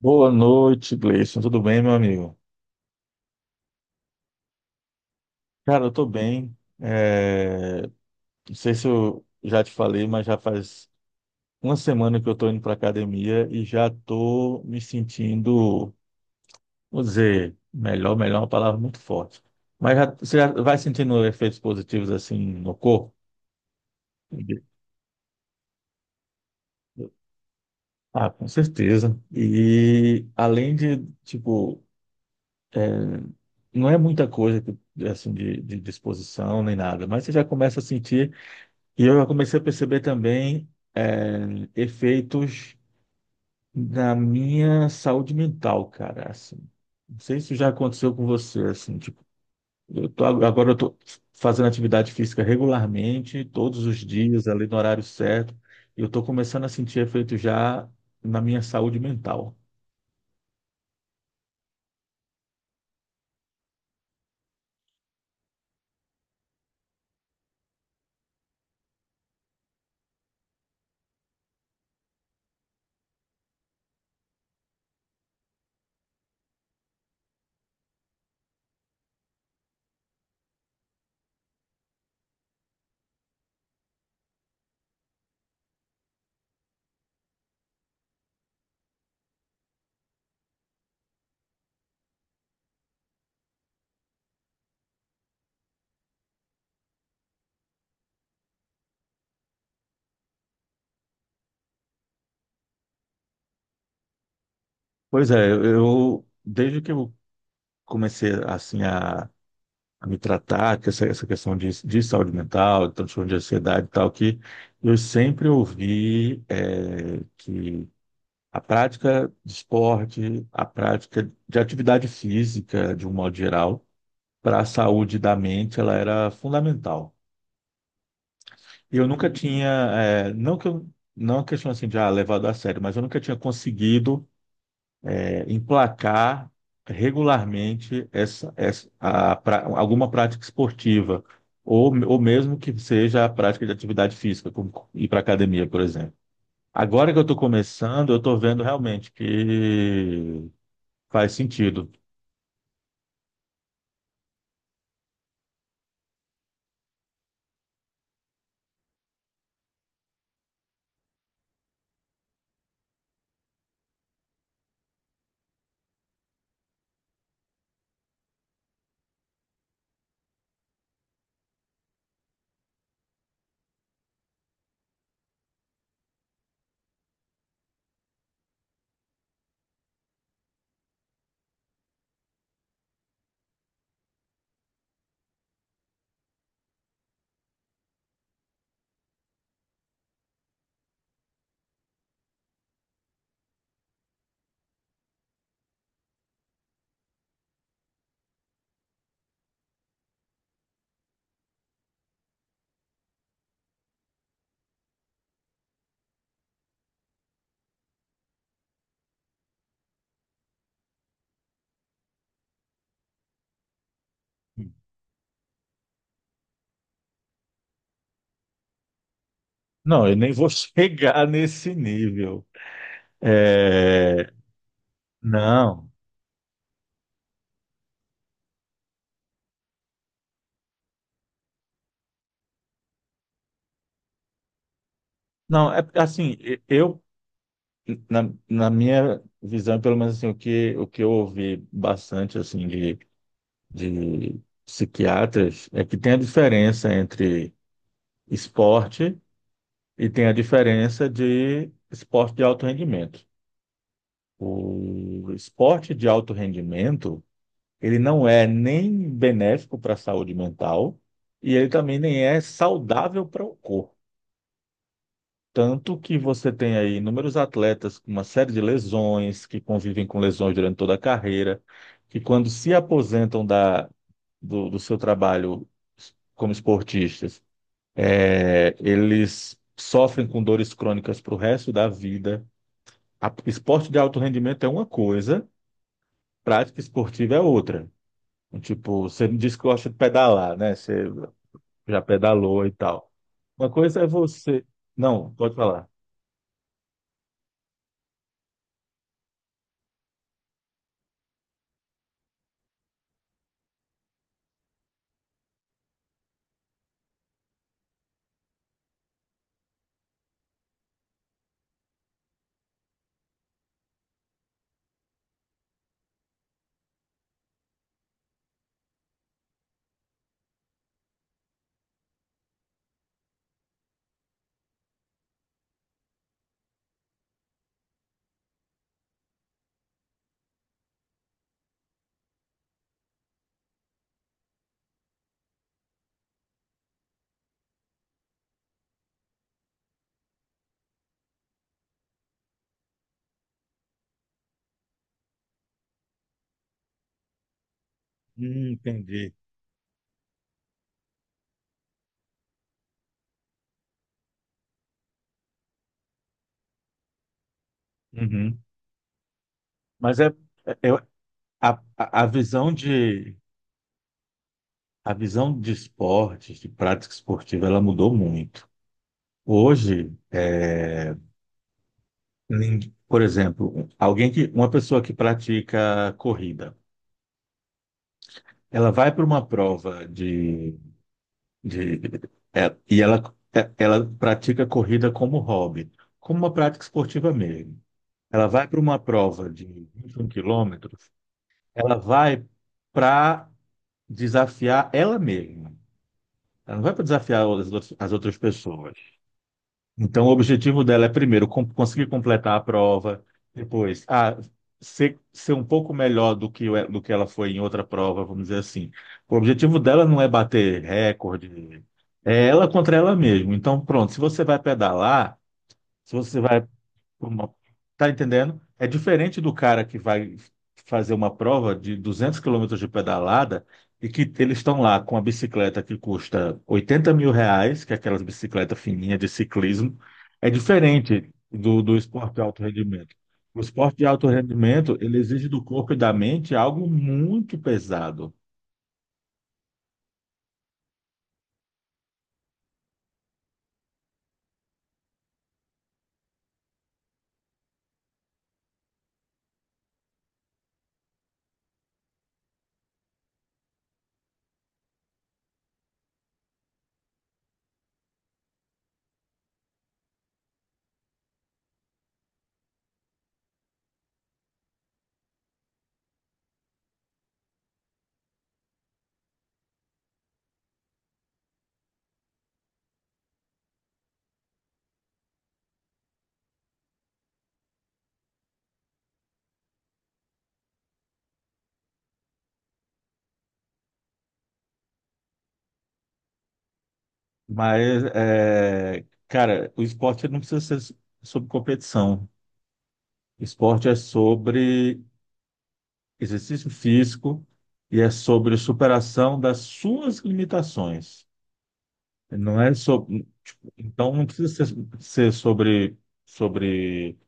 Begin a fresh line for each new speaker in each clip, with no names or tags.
Boa noite, Gleison. Tudo bem, meu amigo? Cara, eu tô bem. É, Não sei se eu já te falei, mas já faz uma semana que eu tô indo pra academia e já tô me sentindo, vou dizer, melhor, melhor é uma palavra muito forte. Você já vai sentindo efeitos positivos assim no corpo? Ah, com certeza. E além de, tipo, não é muita coisa que, assim, de disposição nem nada, mas você já começa a sentir. E eu já comecei a perceber também efeitos na minha saúde mental, cara. Assim, não sei se já aconteceu com você, assim, tipo, agora eu tô fazendo atividade física regularmente, todos os dias, ali no horário certo, e eu tô começando a sentir efeito já na minha saúde mental. Pois é, eu desde que eu comecei assim a me tratar, que essa questão de saúde mental, de transtorno de ansiedade e tal, que eu sempre ouvi que a prática de esporte, a prática de atividade física, de um modo geral, para a saúde da mente, ela era fundamental. E eu nunca tinha, não que eu, não é uma questão assim de ah, levado a sério, mas eu nunca tinha conseguido emplacar regularmente alguma prática esportiva, ou mesmo que seja a prática de atividade física, como ir para academia, por exemplo. Agora que eu estou começando, eu estou vendo realmente que faz sentido. Não, eu nem vou chegar nesse nível. É, Não, não, é assim, na, na minha visão, pelo menos assim, o que eu ouvi bastante, assim, de psiquiatras é que tem a diferença entre esporte e tem a diferença de esporte de alto rendimento. O esporte de alto rendimento, ele não é nem benéfico para a saúde mental e ele também nem é saudável para o corpo. Tanto que você tem aí inúmeros atletas com uma série de lesões, que convivem com lesões durante toda a carreira, que quando se aposentam da, do seu trabalho como esportistas, eles sofrem com dores crônicas para o resto da vida. A- esporte de alto rendimento é uma coisa, prática esportiva é outra. Tipo, você me disse que gosta de pedalar, né? Você já pedalou e tal. Uma coisa é você. Não, pode falar. Entendi. Uhum. Mas é, é- eu- a, a a visão de a visão de esportes, de prática esportiva, ela mudou muito. Hoje, por exemplo, alguém que uma pessoa que pratica corrida, ela vai para uma prova de, de e ela ela pratica corrida como hobby, como uma prática esportiva mesmo. Ela vai para uma prova de 21 quilômetros, ela vai para desafiar ela mesma. Ela não vai para desafiar as outras pessoas. Então, o objetivo dela é, primeiro, conseguir completar a prova, depois, ah, ser um pouco melhor do que, do que ela foi em outra prova, vamos dizer assim. O objetivo dela não é bater recorde, é ela contra ela mesma. Então, pronto, se você vai pedalar, se você vai uma- Tá entendendo? É diferente do cara que vai fazer uma prova de 200 quilômetros de pedalada e que eles estão lá com a bicicleta que custa R$ 80.000, que é aquelas bicicletas fininhas de ciclismo. É diferente do esporte de alto rendimento. O esporte de alto rendimento, ele exige do corpo e da mente algo muito pesado. Mas, é, cara, o esporte não precisa ser sobre competição. Esporte é sobre exercício físico e é sobre superação das suas limitações. Não é sobre, tipo, então não precisa ser, ser sobre sobre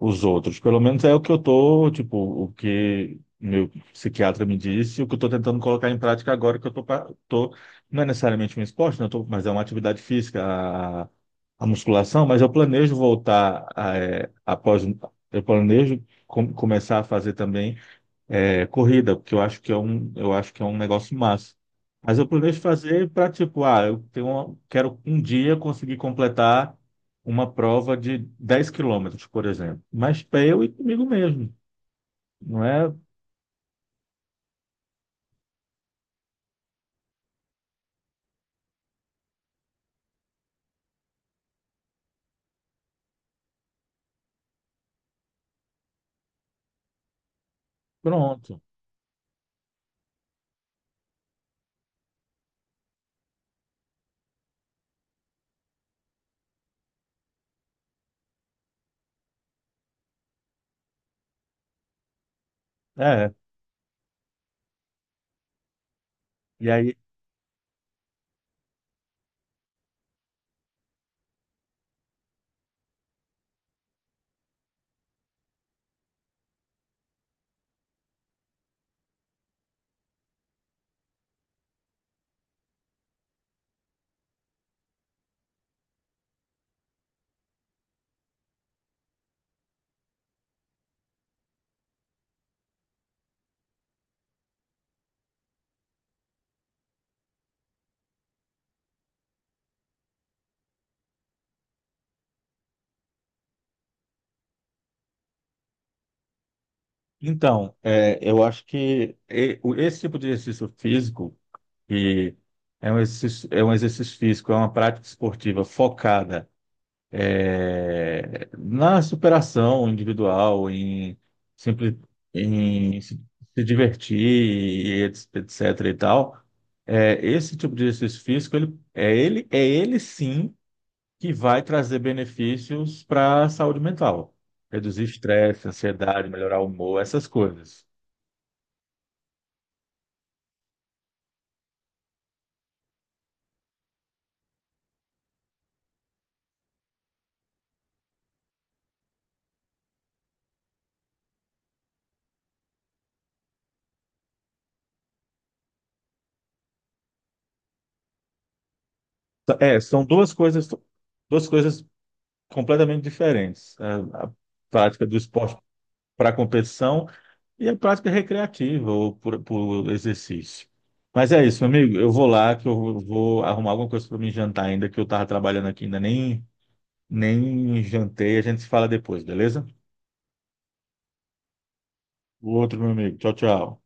os outros. Pelo menos é o que eu tô, tipo, o que meu psiquiatra me disse, o que eu tô tentando colocar em prática agora que eu tô, não é necessariamente um esporte, não, eu tô, mas é uma atividade física, a musculação, mas eu planejo voltar a, após eu planejo começar a fazer também corrida, porque eu acho que é um, eu acho que é um negócio massa. Mas eu planejo fazer para tipo, ah, quero um dia conseguir completar uma prova de 10 quilômetros, por exemplo. Mas para eu e comigo mesmo, não é pronto. É. E aí, então, eu acho que esse tipo de exercício físico, que é um exercício físico, é uma prática esportiva focada na superação individual, em, simpli- em se se divertir, etc. e tal, esse tipo de exercício físico, ele sim que vai trazer benefícios para a saúde mental. Reduzir estresse, ansiedade, melhorar o humor, essas coisas. É, são duas coisas completamente diferentes. A prática do esporte para competição e a prática recreativa ou por exercício. Mas é isso, meu amigo. Eu vou lá que eu vou arrumar alguma coisa para me jantar ainda, que eu tava trabalhando aqui, ainda nem, nem jantei. A gente se fala depois, beleza? O outro, meu amigo. Tchau, tchau.